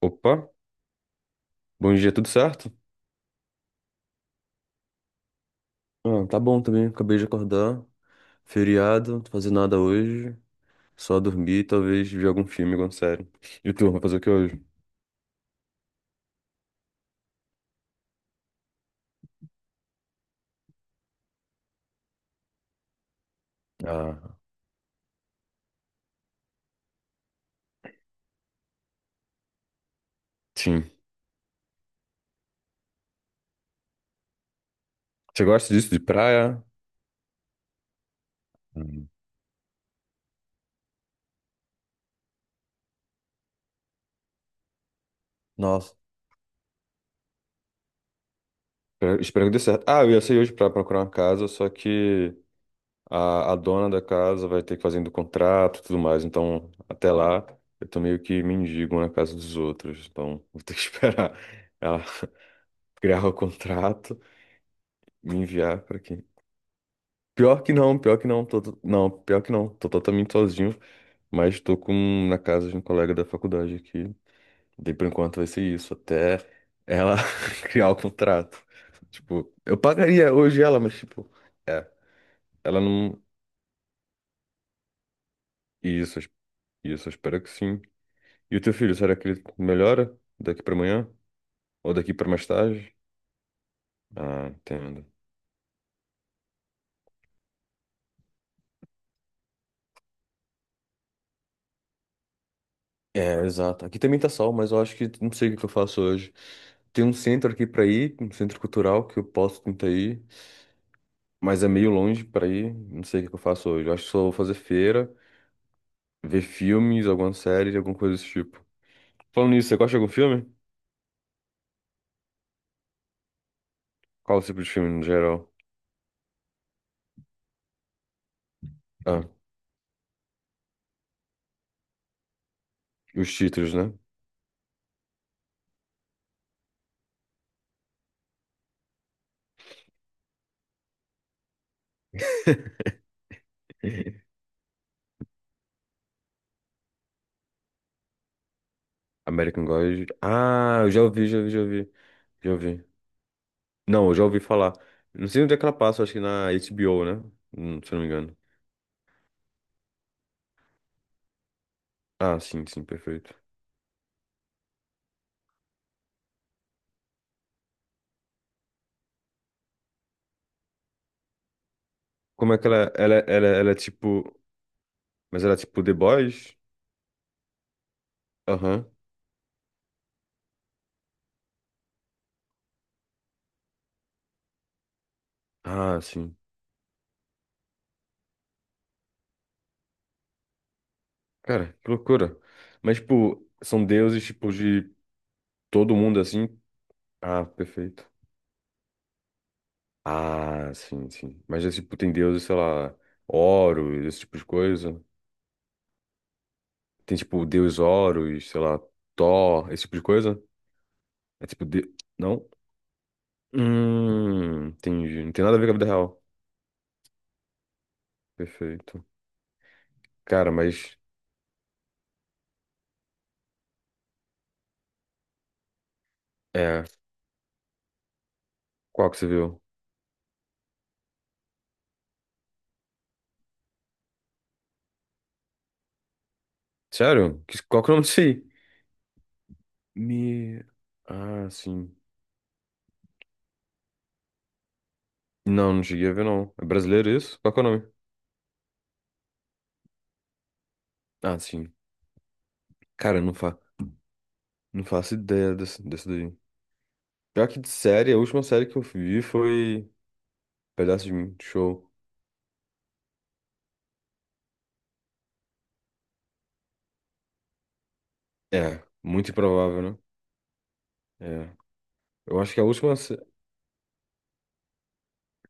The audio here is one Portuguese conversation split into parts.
Opa, bom dia, tudo certo? Ah, tá bom também, acabei de acordar. Feriado, não tô fazendo nada hoje. Só dormir e talvez ver algum filme, alguma série. E tu, vai fazer o que hoje? Ah, sim. Você gosta disso, de praia? Hum. Nossa, espero que dê certo. Ah, eu ia sair hoje pra procurar uma casa, só que a dona da casa vai ter que fazer do contrato e tudo mais. Então, até lá, eu tô meio que mendigo na casa dos outros. Então, vou ter que esperar ela criar o contrato, me enviar pra quem. Pior que não, não, pior que não, tô totalmente sozinho, mas tô com na casa de um colega da faculdade aqui. Daí por enquanto vai ser isso, até ela criar o contrato. Tipo, eu pagaria hoje ela, mas tipo, é, ela não. Isso, eu- isso, eu espero que sim. E o teu filho, será que ele melhora daqui pra amanhã? Ou daqui pra mais tarde? Ah, entendo. É, exato. Aqui também tá sol, mas eu acho que não sei o que que eu faço hoje. Tem um centro aqui pra ir, um centro cultural que eu posso tentar ir. Mas é meio longe pra ir. Não sei o que que eu faço hoje. Eu acho que só vou fazer feira, ver filmes, alguma série, alguma coisa desse tipo. Falando nisso, você gosta de algum filme? Qual o tipo de filme no geral? Ah, os títulos, né? American God. Ah, eu já ouvi, já ouvi, já ouvi. Já ouvi. Não, eu já ouvi falar. Não sei onde é que ela passa, acho que na HBO, né? Se eu não me engano. Ah, sim, sim, perfeito. Como é que ela é tipo. Mas ela é tipo The Boys? Aham. Ah, sim. Cara, que loucura. Mas, tipo, são deuses, tipo, de. Todo mundo assim? Ah, perfeito. Ah, sim, sim. Mas, é, tipo, tem deuses, sei lá, Horus, esse tipo de coisa. Tem, tipo, o deus Horus, sei lá, Thor, esse tipo de coisa. É tipo, de... não? Entendi. Não tem nada a ver com a vida real. Perfeito. Cara, mas, é, qual que você viu? Sério? Qual que eu não sei? Me... Ah, sim. Não, não cheguei a ver, não. É brasileiro isso? Qual que é o nome? Ah, sim. Cara, eu não faço ideia desse daí. Já que de série, a última série que eu vi foi Pedaço de Mim, show. É, muito improvável, né? É. Eu acho que a última.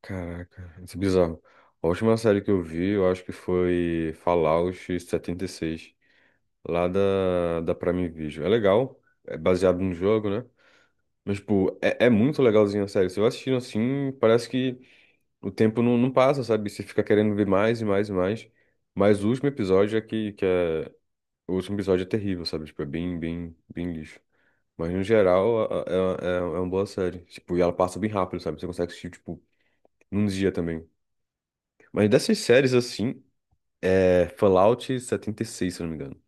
Caraca, isso é bizarro. A última série que eu vi, eu acho que foi Fallout 76. Lá da Prime Video. É legal, é baseado num jogo, né? Mas, tipo, é muito legalzinho a série. Se eu assistindo assim, parece que o tempo não passa, sabe? Você fica querendo ver mais e mais e mais. Mas o último episódio é que é. O último episódio é terrível, sabe? Tipo, é bem, bem, bem lixo. Mas no geral, é uma boa série. Tipo, e ela passa bem rápido, sabe? Você consegue assistir, tipo, num dia também. Mas dessas séries, assim, é Fallout 76, se eu não me engano.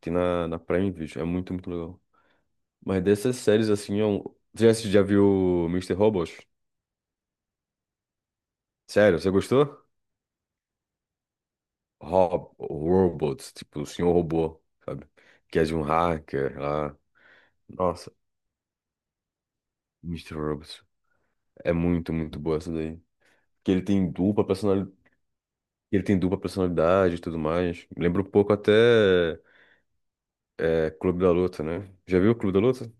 Tem na Prime Video. É muito, muito legal. Mas dessas séries, assim, é um... Você já viu Mister Robot? Sério, você gostou? Robots, tipo, o Senhor Robô, sabe? Que é de um hacker lá. Nossa, Mister Robot. É muito, muito boa essa daí. Que ele tem dupla personalidade, ele tem dupla personalidade e tudo mais. Lembra um pouco até Clube da Luta, né? Já viu o Clube da Luta?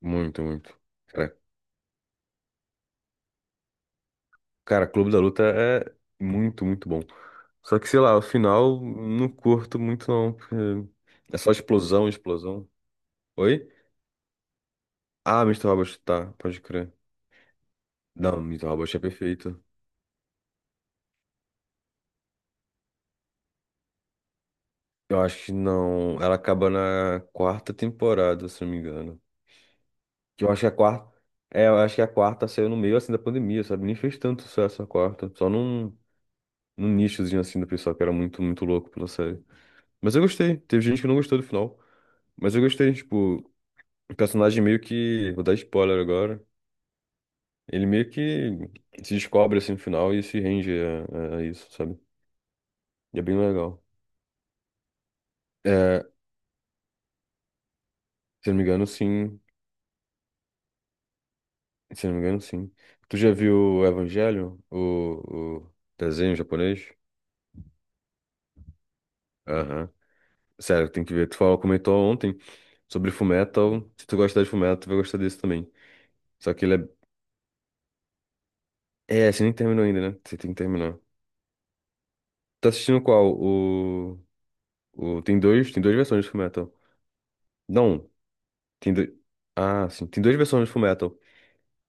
Muito, muito. Cara, cara, Clube da Luta é muito, muito bom. Só que, sei lá, o final não curto muito não, porque é só explosão, explosão. Oi? Ah, Mister Robot, tá, pode crer. Não, Mister Robot é perfeito. Eu acho que não. Ela acaba na quarta temporada, se não me engano. Que eu acho que é a quarta. É, eu acho que é a quarta saiu no meio assim da pandemia, sabe? Nem fez tanto sucesso a quarta. Só num nichozinho assim do pessoal que era muito, muito louco pela série. Mas eu gostei. Teve gente que não gostou do final. Mas eu gostei, tipo, o personagem meio que. Vou dar spoiler agora. Ele meio que se descobre assim no final e se rende a isso, sabe? E é bem legal. É, se eu não me engano, sim. Se eu não me engano, sim. Tu já viu o Evangelho? O desenho japonês? Aham. Sério, tem que ver. Tu falou, comentou ontem, sobre Fullmetal. Se tu gostar de Fullmetal, tu vai gostar desse também. Só que ele é. É, você nem terminou ainda, né? Você tem que terminar. Tá assistindo qual? O. O... Tem dois. Tem duas versões de Fullmetal. Não. Tem dois. Ah, sim. Tem duas versões de Fullmetal.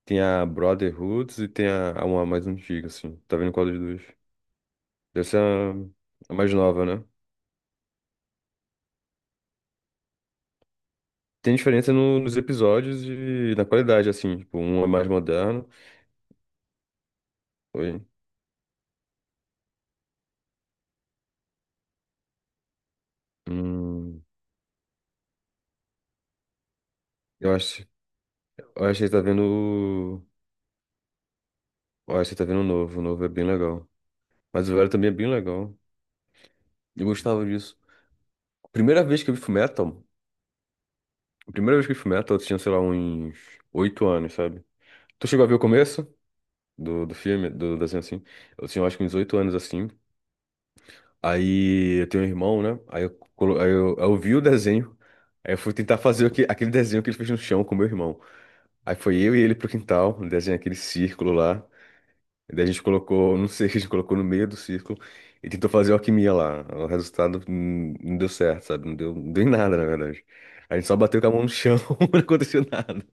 Tem a Brotherhood e tem a uma mais antiga, assim. Tá vendo qual dos dois? Essa é a mais nova, né? Tem diferença nos episódios e na qualidade, assim. Tipo, um é mais moderno. Oi. Hum, eu acho. Eu acho que ele tá vendo. Ó, você tá vendo o novo é bem legal. Mas o velho também é bem legal. Eu gostava disso. Primeira vez que eu vi Fullmetal, a primeira vez que eu vi Fullmetal, eu tinha, sei lá, uns 8 anos, sabe? Tu chegou a ver o começo do filme, do desenho assim? Eu tinha, acho que uns 8 anos assim. Aí eu tenho um irmão, né? Aí eu vi o desenho. Aí eu fui tentar fazer o aquele desenho que ele fez no chão com o meu irmão. Aí foi eu e ele pro quintal, desenhei aquele círculo lá. Daí a gente colocou, não sei, a gente colocou no meio do círculo e tentou fazer alquimia lá. O resultado não deu certo, sabe? Não deu, não deu em nada, na verdade. A gente só bateu com a mão no chão, não aconteceu nada.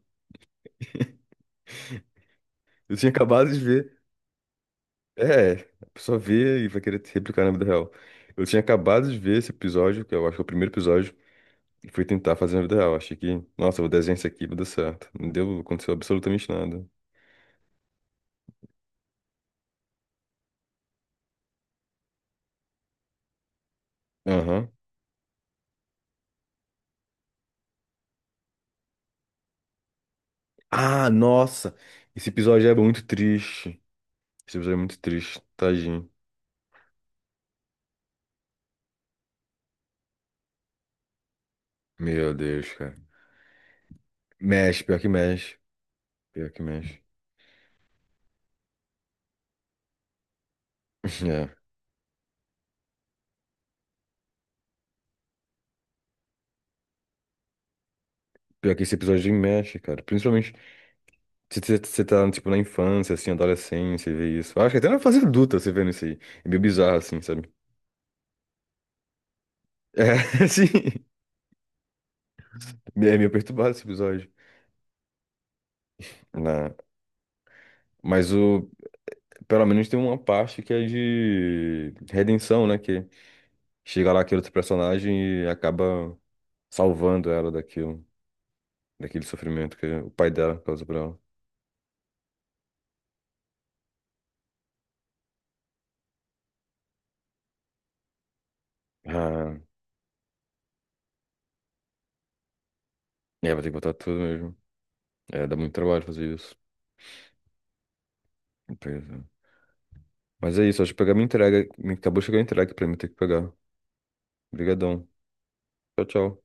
Eu tinha acabado de ver. É, a pessoa vê e vai querer replicar na vida real. Eu tinha acabado de ver esse episódio, que eu acho que é o primeiro episódio, e fui tentar fazer na vida real. Achei que, nossa, eu vou desenhar isso aqui, vai dar certo. Não deu, aconteceu absolutamente nada. Aham. Ah, nossa! Esse episódio é muito triste. Esse episódio é muito triste, tadinho. Meu Deus, cara. Mexe, pior que mexe. Pior que mexe. É. Pior que esse episódio mexe, cara. Principalmente se você tá, tipo, na infância, assim, adolescência, e vê isso. Eu acho que até na fase adulta você vendo isso aí. É meio bizarro, assim, sabe? É, assim. É meio perturbado esse episódio. Na... Mas o... pelo menos tem uma parte que é de redenção, né? Que chega lá aquele outro personagem e acaba salvando ela daquilo. Daquele sofrimento que o pai dela causou pra ela. Ah, é, vai ter que botar tudo mesmo. É, dá muito trabalho fazer isso. Pois é. Mas é isso, acho que pegar minha entrega. Acabou de chegar a entrega pra mim ter que pegar. Obrigadão. Tchau, tchau.